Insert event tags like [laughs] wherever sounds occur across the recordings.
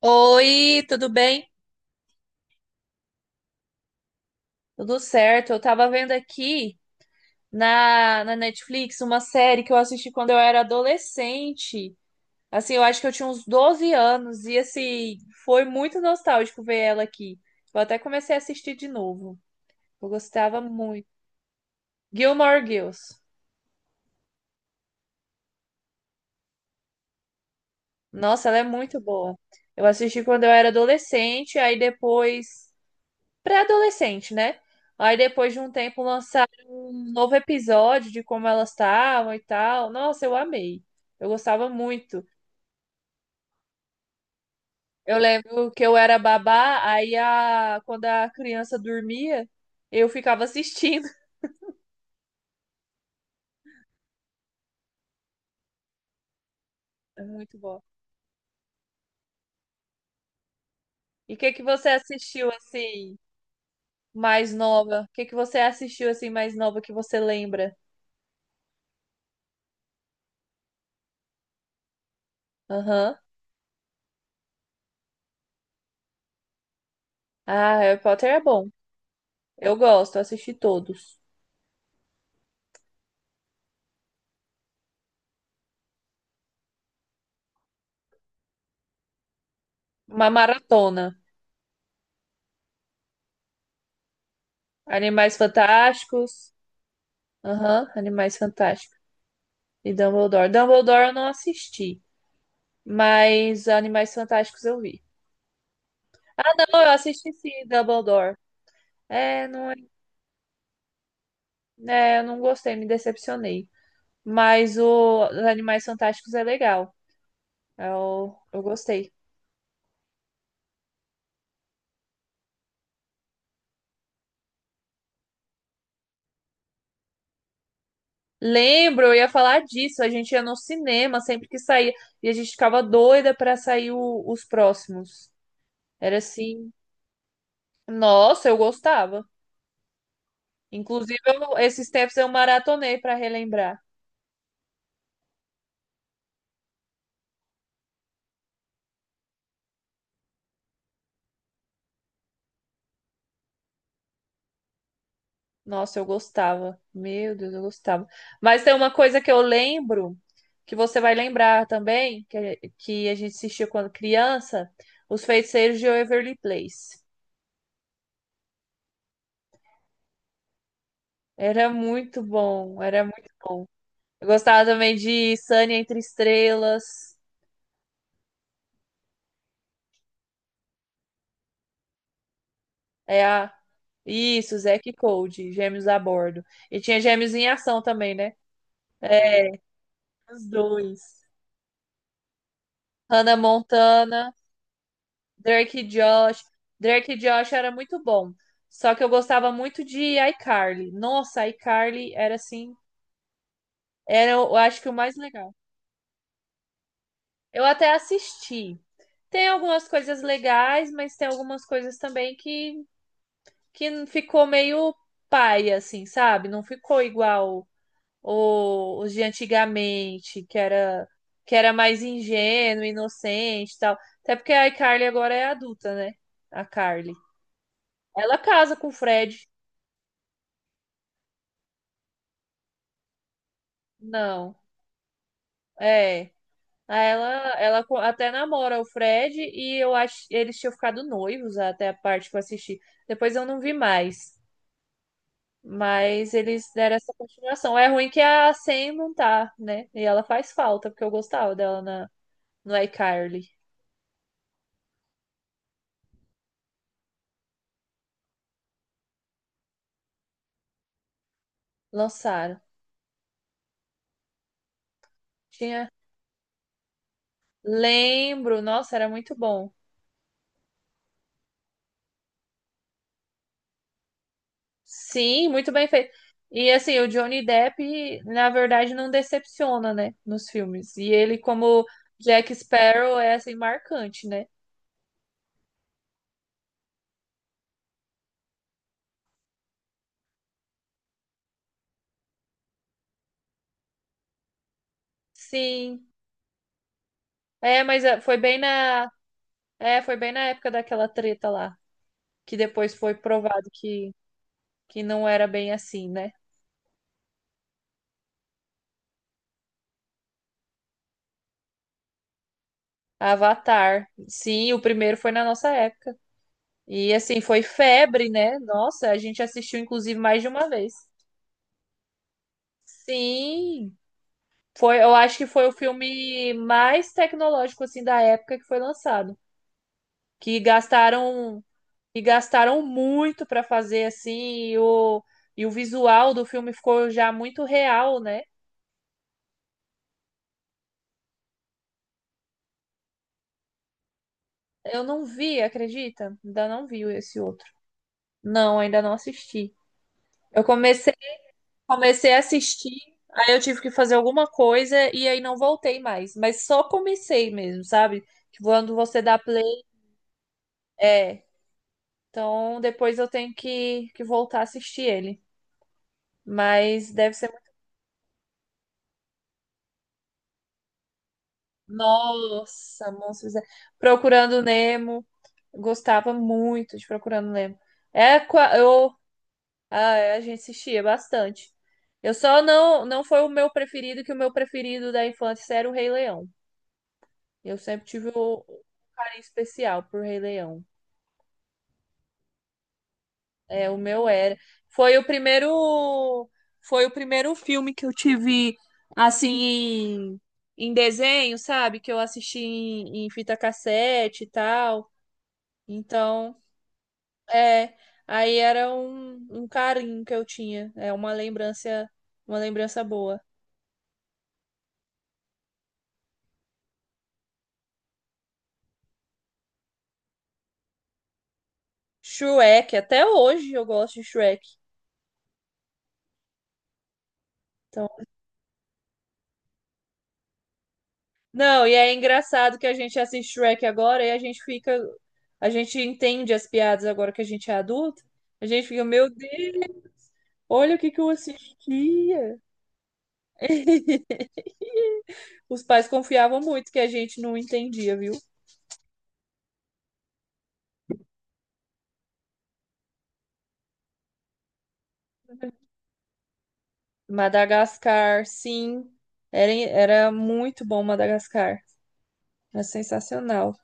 Oi, tudo bem? Tudo certo. Eu tava vendo aqui na Netflix uma série que eu assisti quando eu era adolescente. Assim, eu acho que eu tinha uns 12 anos e assim, foi muito nostálgico ver ela aqui. Eu até comecei a assistir de novo. Eu gostava muito. Gilmore Girls. Nossa, ela é muito boa. Eu assisti quando eu era adolescente, aí depois pré-adolescente, né? Aí depois de um tempo lançaram um novo episódio de como elas estavam e tal. Nossa, eu amei. Eu gostava muito. Eu lembro que eu era babá, aí, quando a criança dormia, eu ficava assistindo. [laughs] É muito bom. E o que que você assistiu assim mais nova? O que que você assistiu assim mais nova que você lembra? Aham. Ah, Harry Potter é bom. Eu gosto, eu assisti todos. Uma maratona. Animais Fantásticos. Aham, Animais Fantásticos e Dumbledore. Dumbledore eu não assisti, mas Animais Fantásticos eu vi. Ah, não, eu assisti sim, Dumbledore. É, não, é, eu não gostei, me decepcionei. Mas o os Animais Fantásticos é legal. Eu gostei. Lembro, eu ia falar disso. A gente ia no cinema sempre que saía. E a gente ficava doida pra sair os próximos. Era assim. Nossa, eu gostava. Inclusive, esses tempos eu maratonei pra relembrar. Nossa, eu gostava. Meu Deus, eu gostava. Mas tem uma coisa que eu lembro, que você vai lembrar também, que a gente assistia quando criança, Os Feiticeiros de Waverly Place. Era muito bom, era muito bom. Eu gostava também de Sunny Entre Estrelas. É a... Isso, Zack e Cody, Gêmeos a Bordo. E tinha Gêmeos em Ação também, né? É, os dois. Hannah Montana. Drake e Josh. Drake e Josh era muito bom. Só que eu gostava muito de iCarly. Nossa, iCarly era assim, era eu acho que o mais legal. Eu até assisti. Tem algumas coisas legais, mas tem algumas coisas também que ficou meio paia assim, sabe? Não ficou igual os de antigamente, que era mais ingênuo, inocente, e tal. Até porque a iCarly agora é adulta, né? A Carly. Ela casa com o Fred. Não, é. Aí ela até namora o Fred e eu acho eles tinham ficado noivos até a parte que eu assisti. Depois eu não vi mais, mas eles deram essa continuação. É ruim que a Sam não tá, né? E ela faz falta, porque eu gostava dela no iCarly. Lançaram. Tinha. Lembro, nossa, era muito bom. Sim, muito bem feito. E assim, o Johnny Depp, na verdade, não decepciona, né, nos filmes. E ele, como Jack Sparrow, é assim marcante, né? Sim. É, mas é, foi bem na época daquela treta lá, que depois foi provado que não era bem assim, né? Avatar. Sim, o primeiro foi na nossa época. E assim, foi febre, né? Nossa, a gente assistiu inclusive mais de uma vez. Sim, foi, eu acho que foi o filme mais tecnológico assim da época que foi lançado, que gastaram e gastaram muito para fazer assim, e o e o visual do filme ficou já muito real, né? Eu não vi, acredita? Ainda não vi esse outro. Não, ainda não assisti. Eu comecei a assistir, aí eu tive que fazer alguma coisa e aí não voltei mais, mas só comecei mesmo, sabe? Tipo, quando você dá play, é, então, depois eu tenho que voltar a assistir ele. Mas deve ser. Nossa, Monstros. Procurando Nemo. Gostava muito de Procurando Nemo. É, a gente assistia bastante. Eu só não foi o meu preferido, que o meu preferido da infância era o Rei Leão. Eu sempre tive um carinho especial por Rei Leão. É, o meu era. Foi o primeiro, foi o primeiro filme que eu tive assim em, em desenho, sabe? Que eu assisti em fita cassete e tal. Então, é, aí era um carinho que eu tinha. É uma lembrança boa. Shrek, até hoje eu gosto de Shrek. Então, não, e é engraçado que a gente assiste Shrek agora e a gente fica, a gente entende as piadas agora que a gente é adulto. A gente fica, meu Deus. Olha o que que eu assistia. [laughs] Os pais confiavam muito que a gente não entendia, viu? Madagascar, sim. Era muito bom Madagascar. Era sensacional.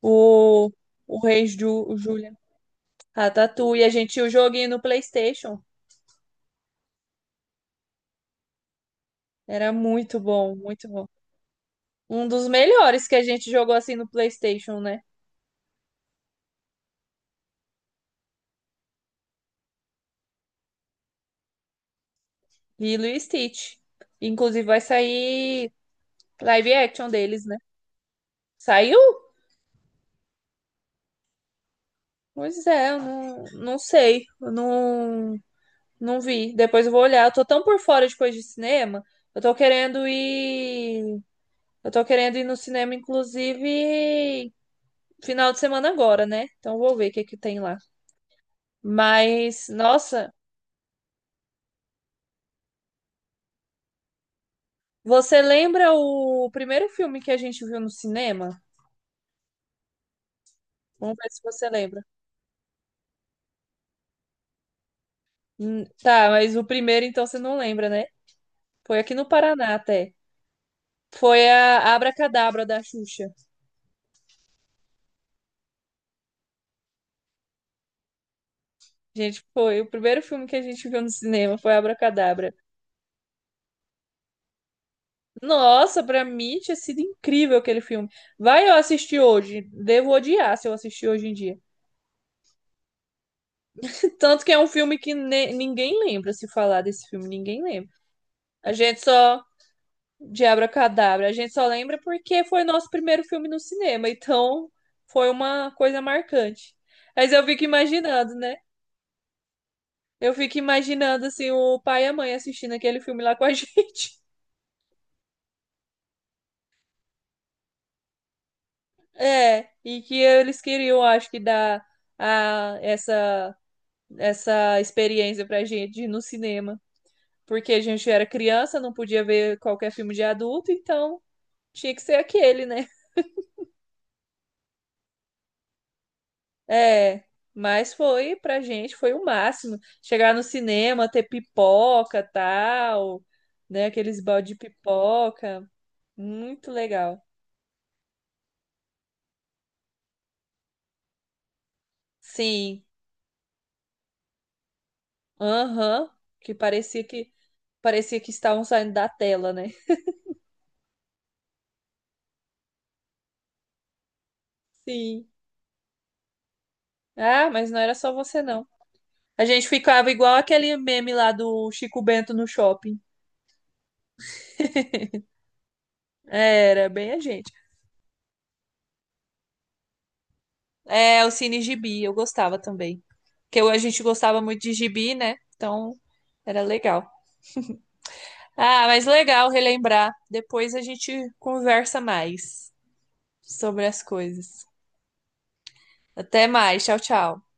O, o Rei Ju, o Julian. Ratatouille. A gente tinha o joguinho no PlayStation. Era muito bom, muito bom. Um dos melhores que a gente jogou assim no PlayStation, né? Lilo e Stitch. Inclusive vai sair live action deles, né? Saiu. Pois é, eu não sei, eu não vi. Depois eu vou olhar. Eu tô tão por fora de coisa de cinema. Eu tô querendo ir. Eu tô querendo ir no cinema, inclusive, final de semana agora, né? Então eu vou ver o que que tem lá. Mas, nossa, você lembra o primeiro filme que a gente viu no cinema? Vamos ver se você lembra. Tá, mas o primeiro então você não lembra, né? Foi aqui no Paraná até. Foi a Abracadabra da Xuxa. Gente, foi o primeiro filme que a gente viu no cinema, foi Abracadabra. Nossa, pra mim tinha sido incrível aquele filme. Vai eu assistir hoje, devo odiar se eu assistir hoje em dia. [laughs] Tanto que é um filme que ninguém lembra se falar desse filme, ninguém lembra. A gente só de Abracadabra, a gente só lembra porque foi nosso primeiro filme no cinema, então foi uma coisa marcante. Mas eu fico imaginando, né? Eu fico imaginando assim o pai e a mãe assistindo aquele filme lá com a [laughs] gente. É, e que eles queriam, acho que, dar a, essa, essa experiência pra gente de ir no cinema. Porque a gente era criança, não podia ver qualquer filme de adulto, então tinha que ser aquele, né? É, mas foi, pra gente, foi o máximo. Chegar no cinema, ter pipoca, tal, né? Aqueles balde de pipoca. Muito legal. Sim, aham, que parecia que estavam saindo da tela, né? Sim. Ah, mas não era só você, não. A gente ficava igual aquele meme lá do Chico Bento no shopping. Era bem a gente. É, o Cine Gibi, eu gostava também. Porque a gente gostava muito de gibi, né? Então, era legal. Ah, mas legal relembrar. Depois a gente conversa mais sobre as coisas. Até mais. Tchau, tchau.